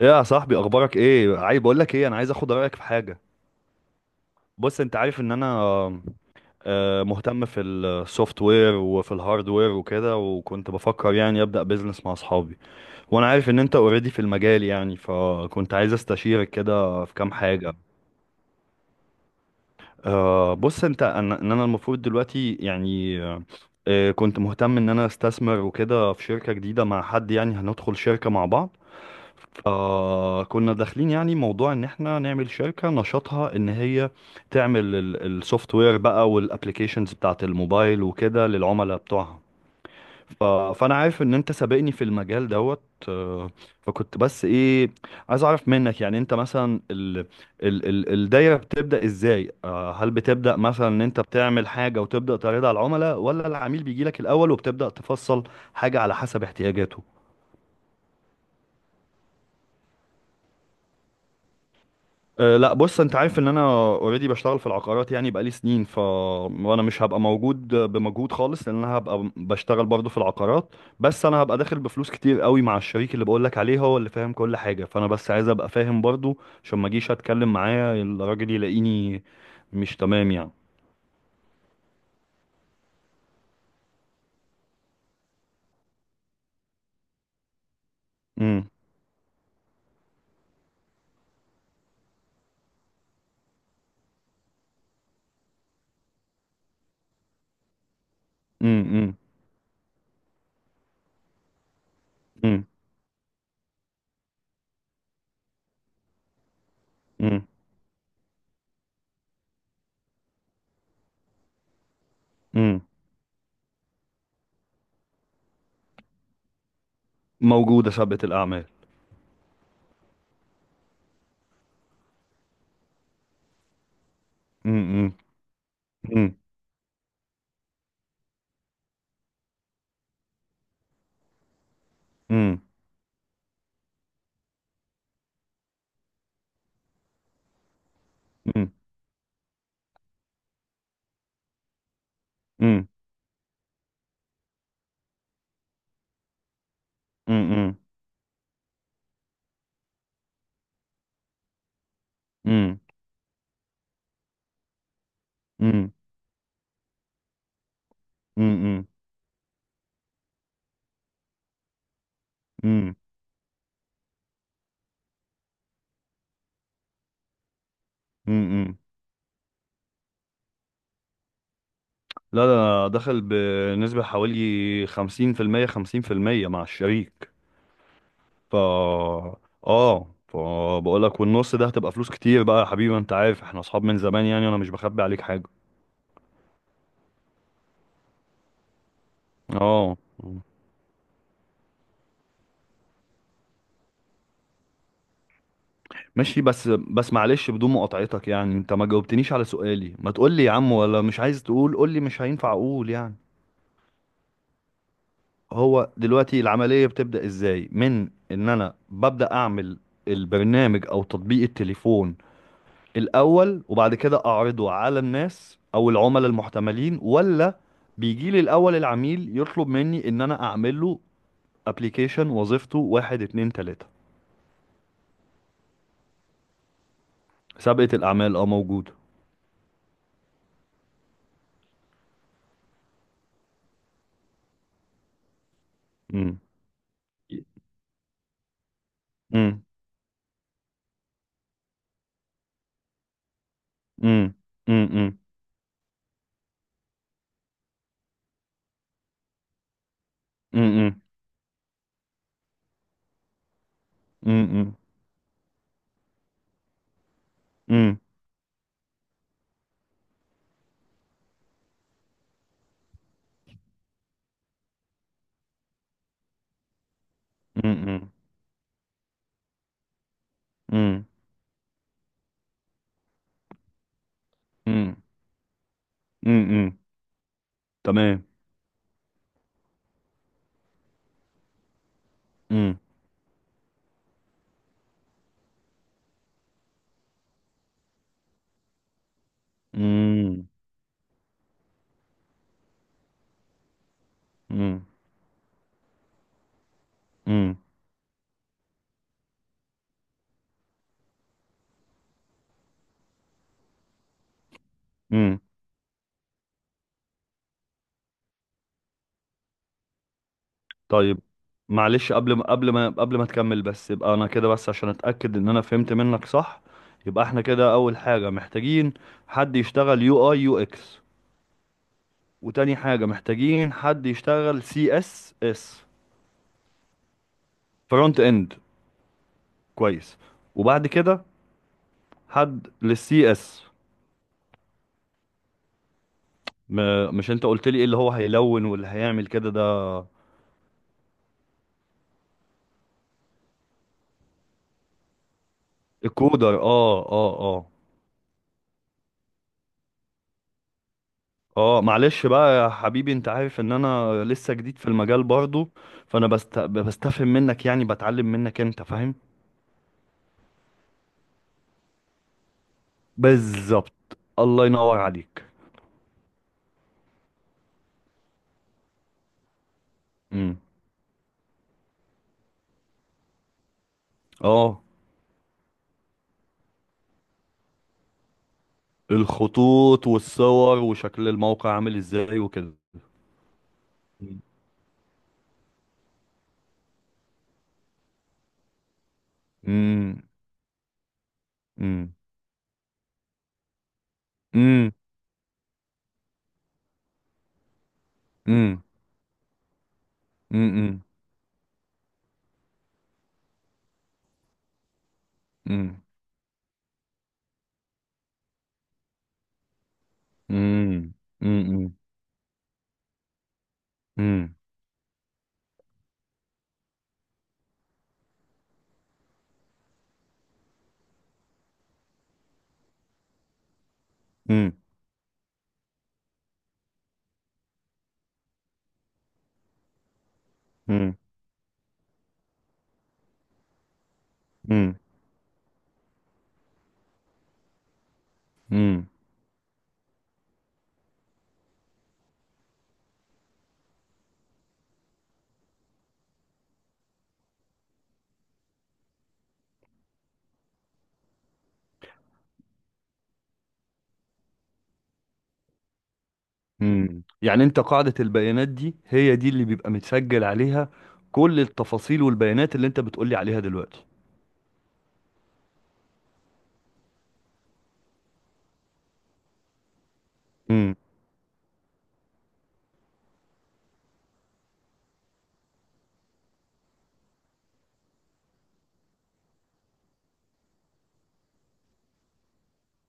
ايه يا صاحبي، اخبارك ايه؟ عايز بقول لك ايه، انا عايز اخد رايك في حاجه. بص، انت عارف ان انا مهتم في السوفت وير وفي الهاردوير وكده، وكنت بفكر يعني ابدا بيزنس مع اصحابي. وانا عارف ان انت اوريدي في المجال يعني، فكنت عايز استشيرك كده في كام حاجه. بص انت ان انا المفروض دلوقتي يعني كنت مهتم ان انا استثمر وكده في شركه جديده مع حد، يعني هندخل شركه مع بعض. كنا داخلين يعني موضوع ان احنا نعمل شركة نشاطها ان هي تعمل السوفت وير بقى والابليكيشنز بتاعت الموبايل وكده للعملاء بتوعها. فانا عارف ان انت سابقني في المجال دوت. آه فكنت بس ايه، عايز اعرف منك، يعني انت مثلا الدايرة بتبدأ ازاي؟ هل بتبدأ مثلا ان انت بتعمل حاجة وتبدأ تعرضها على العملاء، ولا العميل بيجي لك الاول وبتبدأ تفصل حاجة على حسب احتياجاته؟ أه، لا. بص، انت عارف ان انا اوريدي بشتغل في العقارات يعني بقالي سنين، وانا مش هبقى موجود بمجهود خالص، لان انا هبقى بشتغل برضه في العقارات. بس انا هبقى داخل بفلوس كتير قوي مع الشريك اللي بقول لك عليه، هو اللي فاهم كل حاجه، فانا بس عايز ابقى فاهم برضه عشان ما اجيش اتكلم معاه الراجل يلاقيني مش تمام يعني. امم. امم. امم. امم. امم. موجوده سابقه الاعمال. امم. امم. امم. امم. امم. امم. امم. امم. امم. امم. لا، ده أنا دخل بنسبة حوالي خمسين في المية، خمسين في المية مع الشريك. فا اه، فبقول لك والنص ده هتبقى فلوس كتير بقى يا حبيبي. انت عارف احنا اصحاب من زمان يعني، انا مش بخبي عليك حاجة. اه، ماشي. بس، معلش بدون مقاطعتك، يعني انت ما جاوبتنيش على سؤالي. ما تقول لي يا عم، ولا مش عايز تقول؟ قول لي، مش هينفع اقول يعني؟ هو دلوقتي العملية بتبدأ ازاي؟ من ان انا ببدأ اعمل البرنامج او تطبيق التليفون الأول، وبعد كده أعرضه على الناس أو العملاء المحتملين، ولا بيجي لي الأول العميل يطلب مني إن أنا أعمل له أبليكيشن وظيفته واحد اتنين تلاتة؟ سابقة الأعمال أه موجودة. مم. مم. مم. مم. مم. مم. مم. مم. مم. مم. مم. مم. تمام. مم. مم. مم. مم. طيب، معلش. قبل ما تكمل بس، يبقى انا كده بس عشان اتاكد ان انا فهمت منك صح. يبقى احنا كده اول حاجه محتاجين حد يشتغل يو اي يو اكس، وتاني حاجه محتاجين حد يشتغل سي اس اس. فرونت اند. كويس. وبعد كده حد للسي اس. مش انت قلت لي ايه اللي هو هيلون واللي هيعمل كده ده؟ الكودر، اه اه آه. اه، معلش بقى يا حبيبي، انت عارف ان انا لسه جديد في المجال برضو، فانا بستفهم منك، يعني بتعلم منك، انت فاهم. بالظبط، الله ينور عليك. امم. اه. الخطوط والصور وشكل الموقع عامل ازاي وكده. امم. امم. امم. امم. امم. امم. امم. امم. امم. امم. امم. امم. امم. يعني انت قاعدة البيانات دي هي دي اللي بيبقى متسجل عليها كل التفاصيل والبيانات اللي انت بتقولي عليها دلوقتي؟ امم.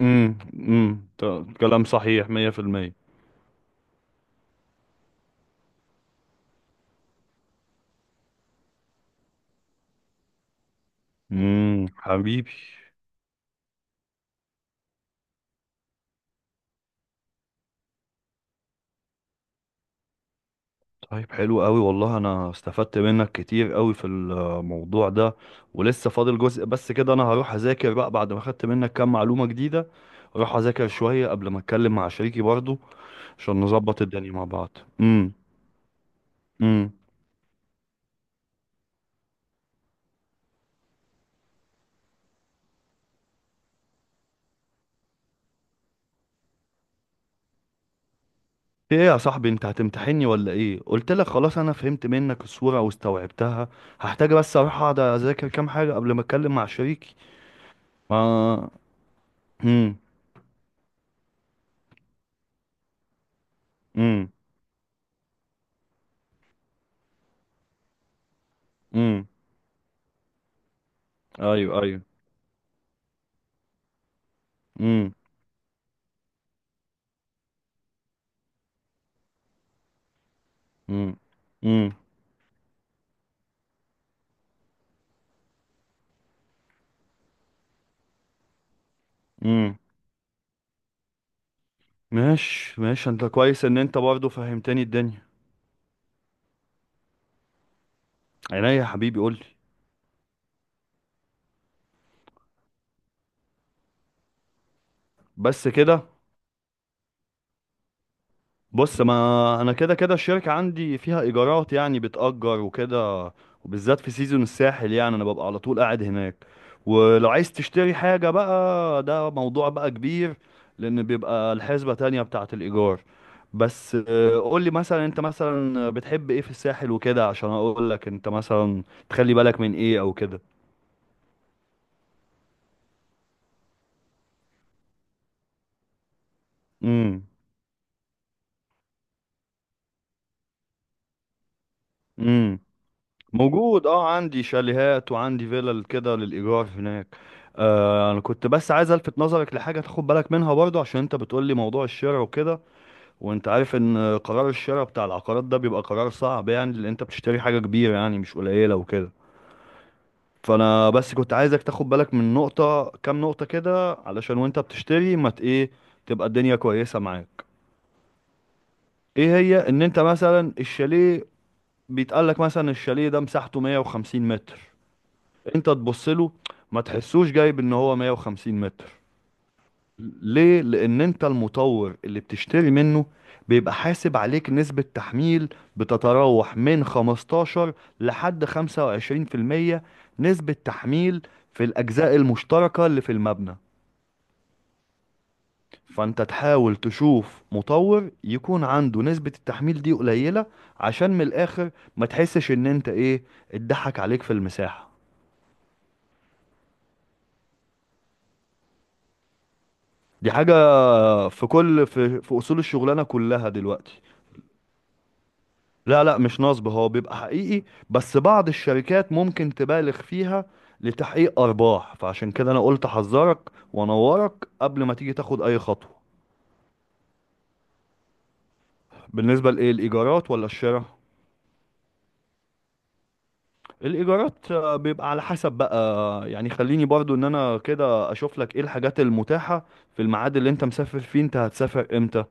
امم. امم. كلام صحيح 100%. امم. حبيبي. طيب، حلو قوي والله، انا استفدت منك كتير قوي في الموضوع ده، ولسه فاضل جزء. بس كده انا هروح اذاكر بقى بعد ما خدت منك كام معلومة جديدة. اروح اذاكر شوية قبل ما اتكلم مع شريكي برضو عشان نظبط الدنيا مع بعض. امم. امم. في ايه يا صاحبي؟ انت هتمتحني ولا ايه؟ قلت لك خلاص انا فهمت منك الصورة واستوعبتها. هحتاج بس اروح اقعد اذاكر كام حاجة قبل ما اتكلم مع شريكي. ما امم. امم. امم. ايوه ايوه. امم. امم. امم. امم. ماشي ماشي، انت كويس ان انت برضه فهمتني الدنيا. عينيا يا حبيبي، قولي. بس كده. بص، ما انا كده كده الشركة عندي فيها ايجارات يعني، بتأجر وكده. وبالذات في سيزون الساحل يعني انا ببقى على طول قاعد هناك. ولو عايز تشتري حاجة بقى، ده موضوع بقى كبير، لان بيبقى الحسبة تانية بتاعة الايجار. بس قول لي مثلا، انت مثلا بتحب ايه في الساحل وكده عشان اقول لك انت مثلا تخلي بالك من ايه او كده. امم. موجود، اه، عندي شاليهات وعندي فيلل كده للإيجار هناك. انا كنت بس عايز الفت نظرك لحاجة تاخد بالك منها برضو، عشان انت بتقول لي موضوع الشراء وكده، وانت عارف ان قرار الشراء بتاع العقارات ده بيبقى قرار صعب يعني، لان انت بتشتري حاجة كبيرة يعني مش قليلة وكده. فانا بس كنت عايزك تاخد بالك من نقطة، كام نقطة كده، علشان وانت بتشتري ما ت- ايه، تبقى الدنيا كويسة معاك. ايه هي؟ ان انت مثلا الشاليه بيتقال لك مثلا الشاليه ده مساحته 150 متر، انت تبص له ما تحسوش جايب ان هو 150 متر. ليه؟ لان انت المطور اللي بتشتري منه بيبقى حاسب عليك نسبة تحميل بتتراوح من 15 لحد 25%، نسبة تحميل في الأجزاء المشتركة اللي في المبنى. فأنت تحاول تشوف مطور يكون عنده نسبة التحميل دي قليلة، عشان من الآخر ما تحسش إن أنت إيه، اتضحك عليك في المساحة. دي حاجة في كل، في أصول الشغلانة كلها دلوقتي. لا لا، مش نصب، هو بيبقى حقيقي، بس بعض الشركات ممكن تبالغ فيها لتحقيق أرباح، فعشان كده أنا قلت أحذرك وأنورك قبل ما تيجي تاخد أي خطوة. بالنسبة لإيه، الإيجارات ولا الشراء؟ الإيجارات بيبقى على حسب بقى يعني، خليني برضو إن أنا كده أشوف لك إيه الحاجات المتاحة في الميعاد اللي أنت مسافر فيه. أنت هتسافر إمتى؟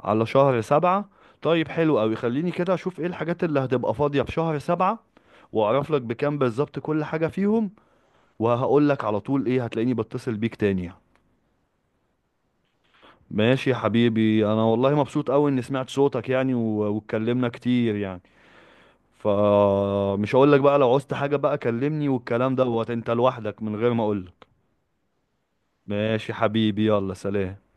على شهر سبعة. طيب حلو أوي. خليني كده أشوف إيه الحاجات اللي هتبقى فاضية في شهر سبعة، وأعرف لك بكام بالظبط كل حاجة فيهم، وهقول لك على طول. إيه، هتلاقيني بتصل بيك تاني يعني. ماشي يا حبيبي، أنا والله مبسوط أوي إني سمعت صوتك يعني، واتكلمنا كتير يعني. فمش هقول لك بقى، لو عوزت حاجة بقى كلمني والكلام دوت، أنت لوحدك من غير ما أقول لك. ماشي يا حبيبي، يلا سلام.